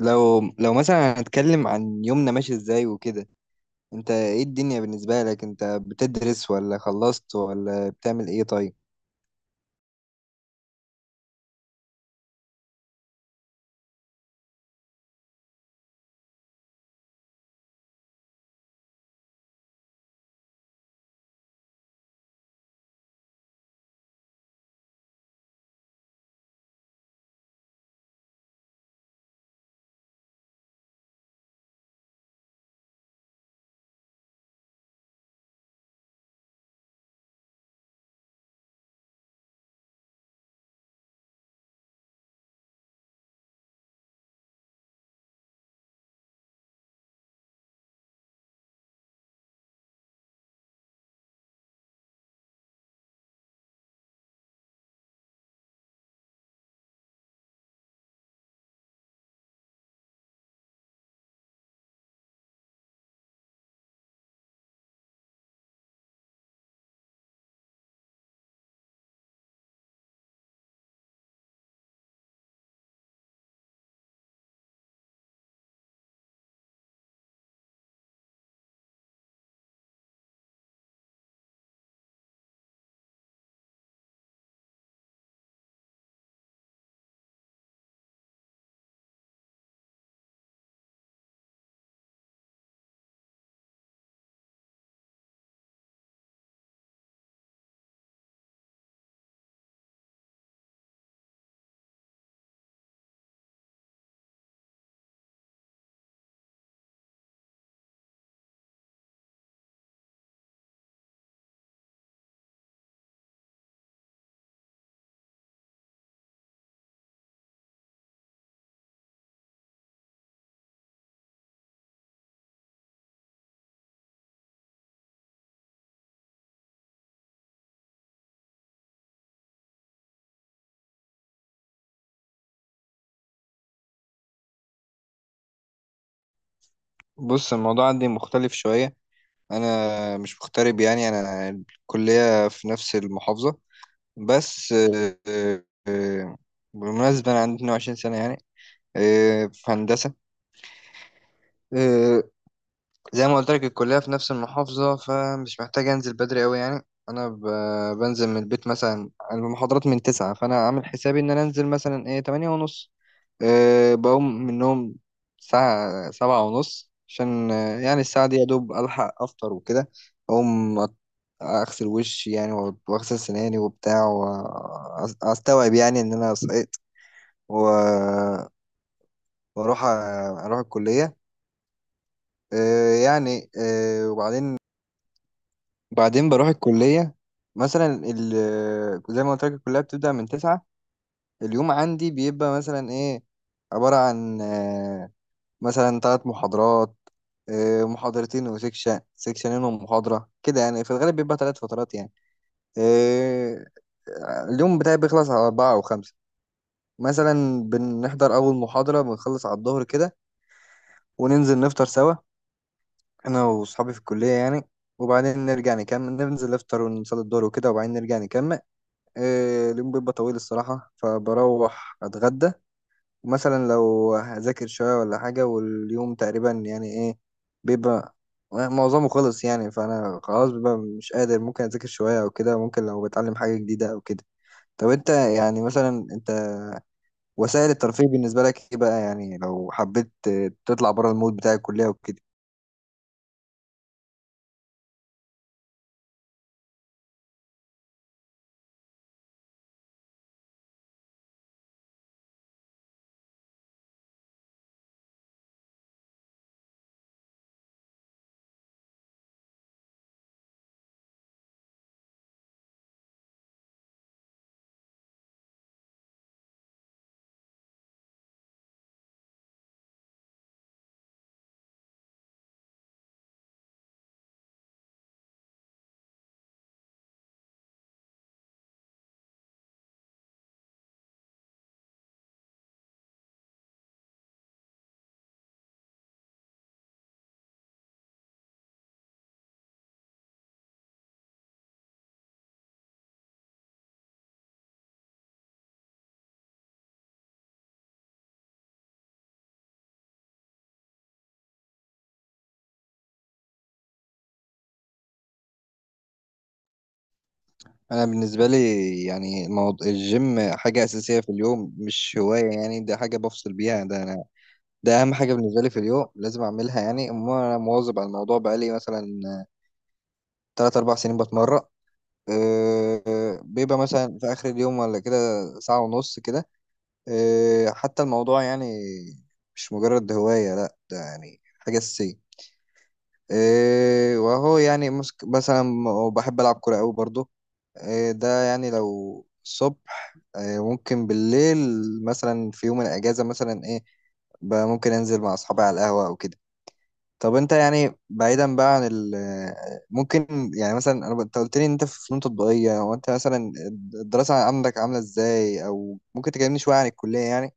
لو مثلا هنتكلم عن يومنا ماشي ازاي وكده. انت ايه الدنيا بالنسبة لك؟ انت بتدرس ولا خلصت ولا بتعمل ايه طيب؟ بص، الموضوع عندي مختلف شوية. انا مش مغترب، يعني انا الكلية في نفس المحافظة. بس آه، بالمناسبة انا عندي 22 سنة يعني، في هندسة. آه، زي ما قلت لك الكلية في نفس المحافظة، فمش محتاج أنزل بدري أوي يعني. بنزل من البيت مثلا، أنا المحاضرات من تسعة، فأنا عامل حسابي إن أنا أنزل مثلا إيه تمانية ونص. أه، بقوم من النوم ساعة سبعة ونص عشان يعني الساعة دي يا دوب ألحق أفطر وكده. أقوم أت- أغسل وشي يعني، وأغسل سناني وبتاع، وأستوعب يعني إن أنا صحيت و- وأروح أ- أروح الكلية. وبعدين بروح الكلية. مثلا زي ما قلت لك الكلية بتبدأ من تسعة. اليوم عندي بيبقى مثلا ايه، عبارة عن مثلا ثلاث محاضرات، محاضرتين وسكشن، سكشنين ومحاضرة كده يعني، في الغالب بيبقى ثلاث فترات يعني. آه، اليوم بتاعي بيخلص على أربعة أو خمسة. مثلا بنحضر أول محاضرة، بنخلص على الظهر كده وننزل نفطر سوا أنا وأصحابي في الكلية يعني، وبعدين نرجع نكمل ننزل نفطر ونصلي الظهر وكده، وبعدين نرجع نكمل. إيه، اليوم بيبقى طويل الصراحة، فبروح أتغدى مثلا، لو هذاكر شوية ولا حاجة. واليوم تقريبا يعني إيه، بيبقى معظمه خلص يعني، فأنا خلاص بيبقى مش قادر. ممكن أذاكر شوية أو كده، ممكن لو بتعلم حاجة جديدة أو كده. طب أنت يعني، مثلا أنت وسائل الترفيه بالنسبة لك إيه بقى يعني، لو حبيت تطلع بره المود بتاع الكلية وكده؟ أنا بالنسبة لي، يعني الموضوع الجيم حاجة أساسية في اليوم، مش هواية يعني. ده حاجة بفصل بيها، ده أنا. ده اهم حاجه بالنسبه لي في اليوم، لازم اعملها يعني. أما انا مواظب على الموضوع بقالي مثلا 3 4 سنين بتمرن. أه، أه، بيبقى مثلا في اخر اليوم ولا كده، ساعه ونص كده. أه، حتى الموضوع يعني مش مجرد هوايه، لا ده يعني حاجه اساسيه. وهو يعني مثلا بحب العب كوره قوي برضو. أه، ده يعني لو الصبح، ممكن بالليل، مثلا في يوم الاجازه مثلا ايه بقى، ممكن انزل مع اصحابي على القهوه او كده. طب انت يعني، بعيدا بقى عن ال، ممكن يعني مثلا انا، انت قلت لي ان انت في فنون تطبيقية، هو انت مثلا الدراسة عندك عاملة ازاي، او ممكن تكلمني شوية عن الكلية يعني؟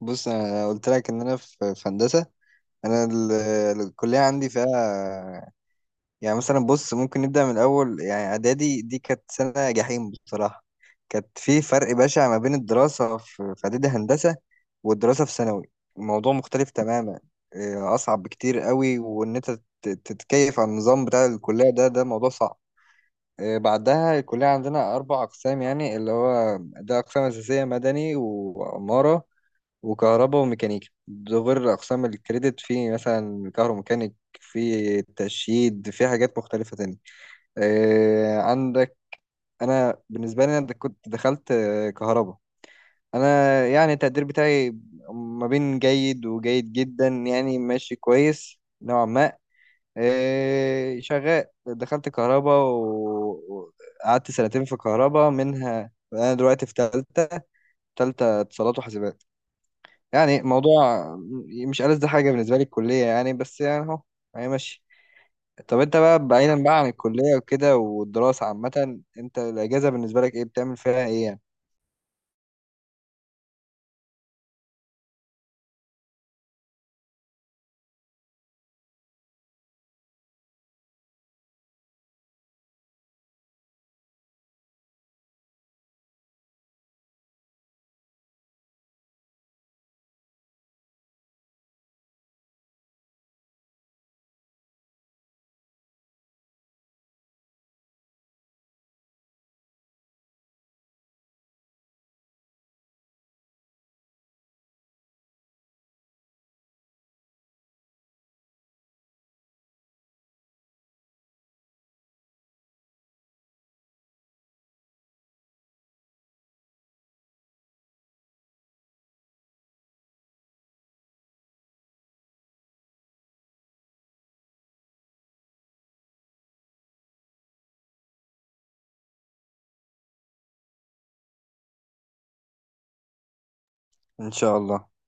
بص انا قلت لك ان انا في في هندسة. انا ال- الكلية عندي فيها يعني مثلا، بص ممكن نبدأ من الأول يعني. إعدادي دي كانت سنة جحيم بصراحة، كانت في فرق بشع ما بين الدراسة في في إعدادي هندسة والدراسة في ثانوي. الموضوع مختلف تماما، أصعب بكتير قوي. وإن أنت تتكيف على النظام بتاع الكلية ده، ده موضوع صعب. بعدها، الكلية عندنا أربع أقسام يعني، اللي هو ده أقسام أساسية: مدني وعمارة وكهرباء وميكانيكا. ده غير أقسام الكريدت، في مثلا كهروميكانيك، في تشييد، في حاجات مختلفة تانية. آه، عندك انا بالنسبه لي كنت دخلت كهرباء. انا يعني التقدير بتاعي ما بين جيد وجيد جدا يعني، ماشي كويس نوعا ما. شغال. دخلت كهرباء وقعدت سنتين في كهرباء، منها انا دلوقتي في تالتة. تالتة اتصالات وحاسبات. يعني موضوع مش ألذ حاجة بالنسبة لي الكلية يعني، بس يعني اهو، هي ماشي. طب انت بقى، بعيدا بقى عن الكلية وكده والدراسة عامة، انت الأجازة بالنسبة لك ايه، بتعمل فيها ايه يعني؟ ان شاء الله.